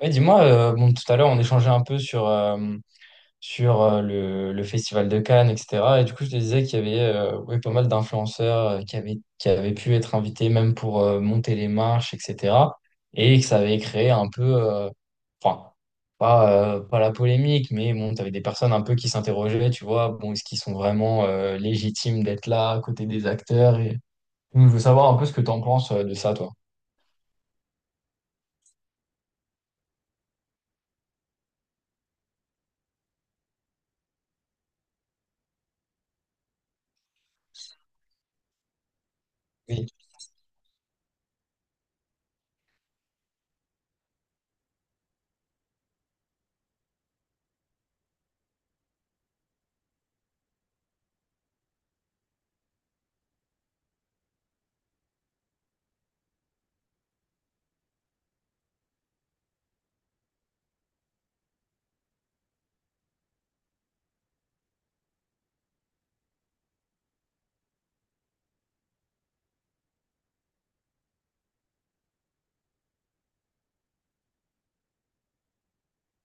Ouais, dis-moi, bon, tout à l'heure, on échangeait un peu sur le Festival de Cannes, etc. Et du coup, je te disais qu'il y avait ouais, pas mal d'influenceurs euh, qui avaient pu être invités même pour monter les marches, etc. Et que ça avait créé un peu, enfin, pas la polémique, mais bon, tu avais des personnes un peu qui s'interrogeaient, tu vois, bon, est-ce qu'ils sont vraiment légitimes d'être là à côté des acteurs? Et... Donc, je veux savoir un peu ce que tu en penses de ça, toi. Oui.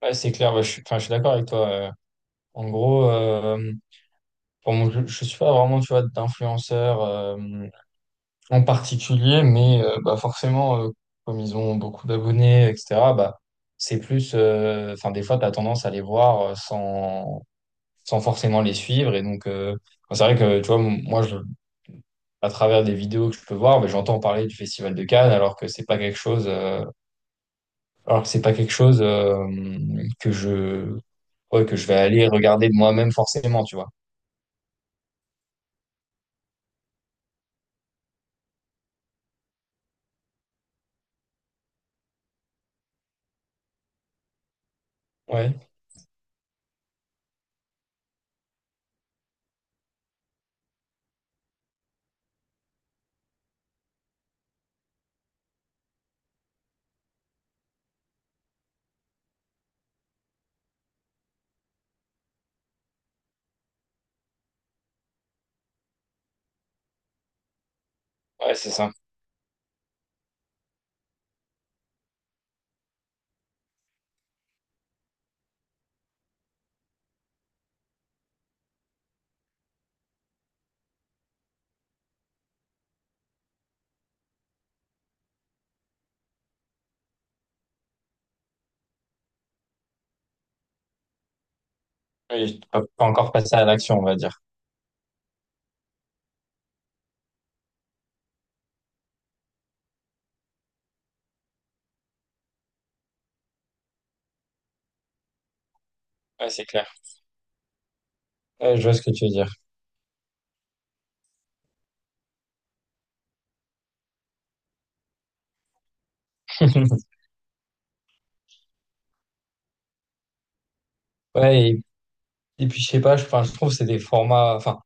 Ouais, c'est clair, ouais, enfin, je suis d'accord avec toi. En gros, je suis pas vraiment, tu vois, d'influenceurs en particulier, mais bah forcément, comme ils ont beaucoup d'abonnés, etc., bah, c'est plus... Enfin, des fois, tu as tendance à les voir sans forcément les suivre. Et donc, bon, c'est vrai que, tu vois, moi, à travers des vidéos que je peux voir, mais j'entends parler du Festival de Cannes, alors que c'est pas quelque chose que je, ouais, que je vais aller regarder de moi-même forcément, tu vois. Ouais. Ouais, c'est ça. Oui, pas encore passer à l'action, on va dire. Ouais, c'est clair. Ouais, je vois ce que tu veux dire. Ouais, et puis je sais pas, enfin, je trouve que c'est des formats, enfin,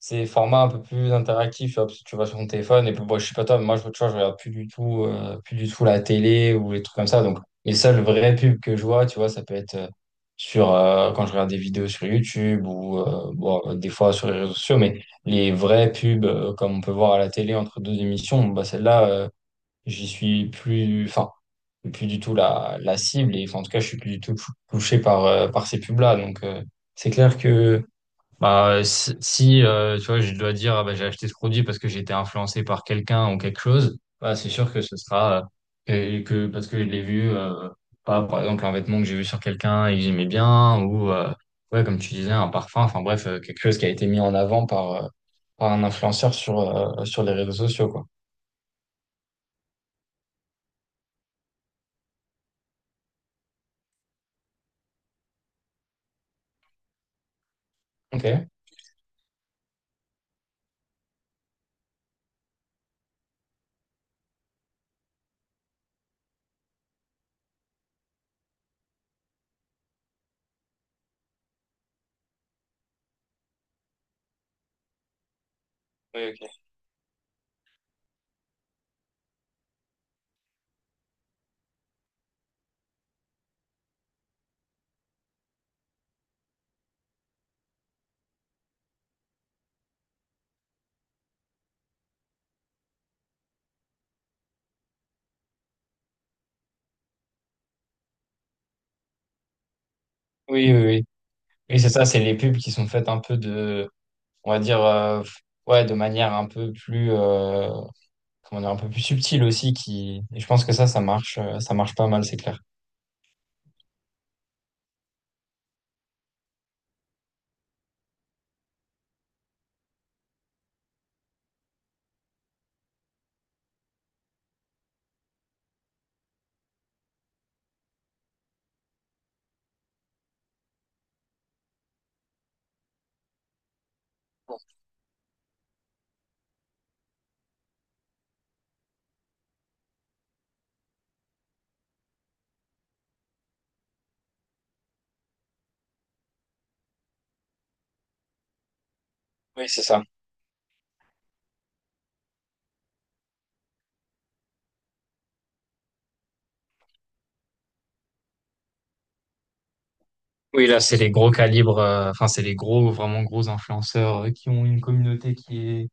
c'est des formats un peu plus interactifs, tu vois, parce que tu vas sur ton téléphone, et puis bon, je sais pas toi, mais moi, tu vois, je regarde plus du tout la télé ou les trucs comme ça. Donc, les seules vraies pubs que je vois, tu vois, ça peut être quand je regarde des vidéos sur YouTube ou, des fois sur les réseaux sociaux, mais les vraies pubs, comme on peut voir à la télé entre deux émissions, bah, celles-là, j'y suis plus, enfin, plus du tout la, la cible et enfin, en tout cas, je suis plus du tout touché par, par ces pubs-là. Donc, c'est clair que bah, si, tu vois, je dois dire, ah, bah, j'ai acheté ce produit parce que j'ai été influencé par quelqu'un ou quelque chose, bah, c'est sûr que ce sera euh, parce que je l'ai vu, pas, par exemple, un vêtement que j'ai vu sur quelqu'un et que j'aimais bien ou, ouais, comme tu disais, un parfum, enfin, bref, quelque chose qui a été mis en avant par, par un influenceur sur, sur les réseaux sociaux, quoi. Ok. Oui, ok. Oui, oui, oui. Oui, c'est ça, c'est les pubs qui sont faites un peu de, on va dire, ouais, de manière un peu plus, comment dire, un peu plus subtile aussi, qui, et je pense que ça, ça marche pas mal, c'est clair. Oui, c'est ça. Oui, là, c'est les gros calibres, enfin, c'est les gros, vraiment gros influenceurs qui ont une communauté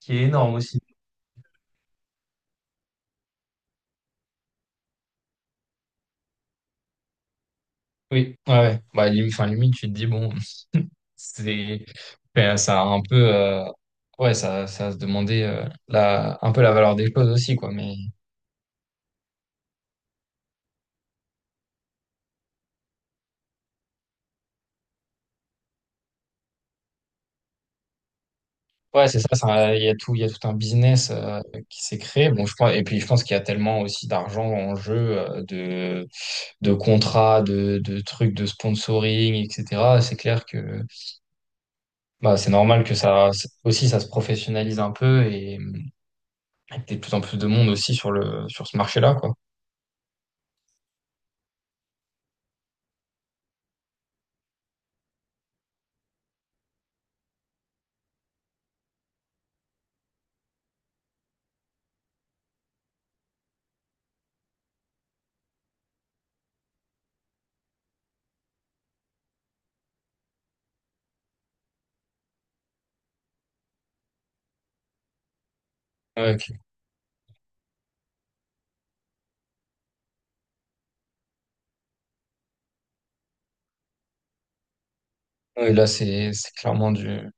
qui est énorme aussi. Oui, ouais, ouais. Bah, enfin, limite, tu te dis, bon, c'est, ben, ça a un peu, ouais, ça a se demander, un peu la valeur des choses aussi, quoi, mais. Ouais, c'est ça, ça, il y a tout un business qui s'est créé. Bon, je pense, et puis je pense qu'il y a tellement aussi d'argent en jeu, de contrats, de trucs de sponsoring, etc. C'est clair que bah, c'est normal que ça aussi ça se professionnalise un peu et qu'il y ait de plus en plus de monde aussi sur le sur ce marché-là, quoi. Ouais, ok. Ouais, là, c'est clairement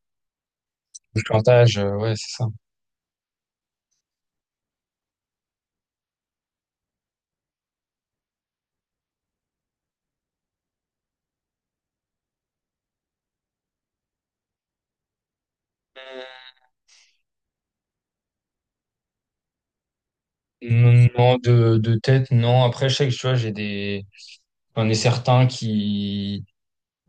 du chantage, ouais, c'est ça. Non, non, de tête, non. Après, je sais que tu vois, j'ai des. J'en ai certains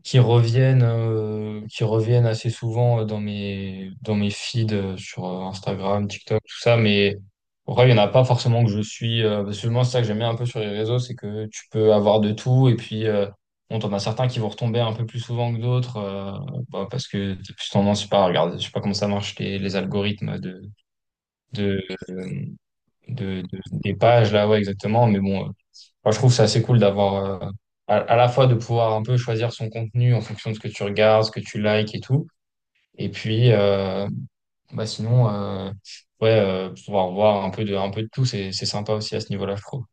qui reviennent assez souvent dans mes feeds sur Instagram, TikTok, tout ça. Mais en vrai, il n'y en a pas forcément que je suis. Parce que moi, c'est ça que j'aime bien un peu sur les réseaux, c'est que tu peux avoir de tout. Et puis, bon, t'en as certains qui vont retomber un peu plus souvent que d'autres. Bah, parce que t'as plus tendance, je sais pas, à regarder, je sais pas comment ça marche, les algorithmes de, de, euh, de des pages, là, ouais, exactement. Mais bon, moi, je trouve que c'est assez cool d'avoir, à la fois de pouvoir un peu choisir son contenu en fonction de ce que tu regardes, ce que tu likes et tout. Et puis, bah sinon, ouais, pouvoir voir un peu de tout, c'est sympa aussi à ce niveau-là, je trouve.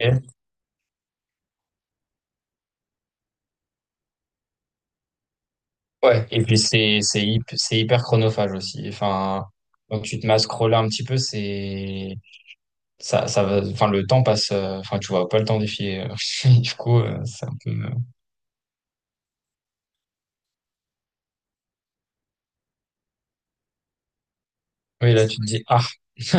Et- ouais. Et puis, c'est, c'est, c'est hyper chronophage aussi. Enfin, quand tu te mets à scroller un petit peu, c'est, ça va, enfin, le temps passe, enfin, tu vois pas le temps défiler. Du coup, c'est un peu, oui, là, tu te dis, ah.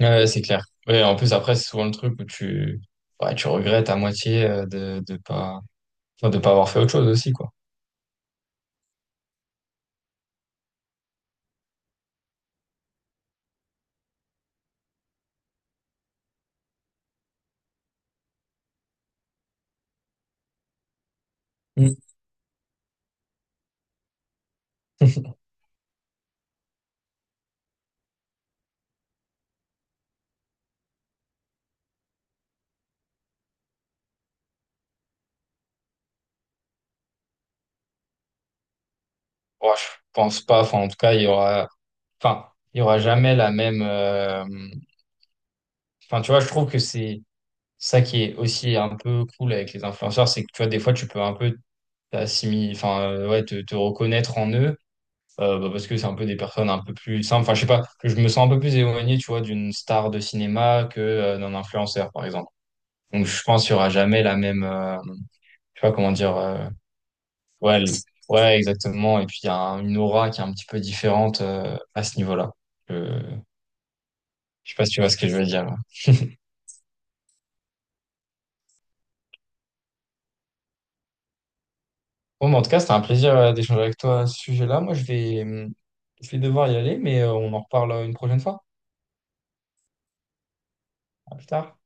Ouais, ouais, c'est clair. Ouais, en plus, après, c'est souvent le truc où ouais, tu regrettes à moitié de pas, enfin, de pas avoir fait autre chose aussi, quoi. Mm. Ouais, je pense pas. Enfin, en tout cas, il y aura, enfin, il y aura jamais la même, enfin, tu vois, je trouve que c'est ça qui est aussi un peu cool avec les influenceurs, c'est que, tu vois, des fois, tu peux un peu t'assimiler, ouais, te reconnaître en eux, bah, parce que c'est un peu des personnes un peu plus simples. Enfin, je sais pas, je me sens un peu plus éloigné, tu vois, d'une star de cinéma que, d'un influenceur, par exemple. Donc, je pense qu'il y aura jamais la même, je sais pas comment dire, ouais, ouais, exactement. Et puis, il y a une aura qui est un petit peu différente à ce niveau-là. Euh, je sais pas si tu vois ce que je veux dire. Bon, mais en tout cas, c'était un plaisir d'échanger avec toi à ce sujet-là. Moi, je vais devoir y aller, mais on en reparle une prochaine fois. À plus tard.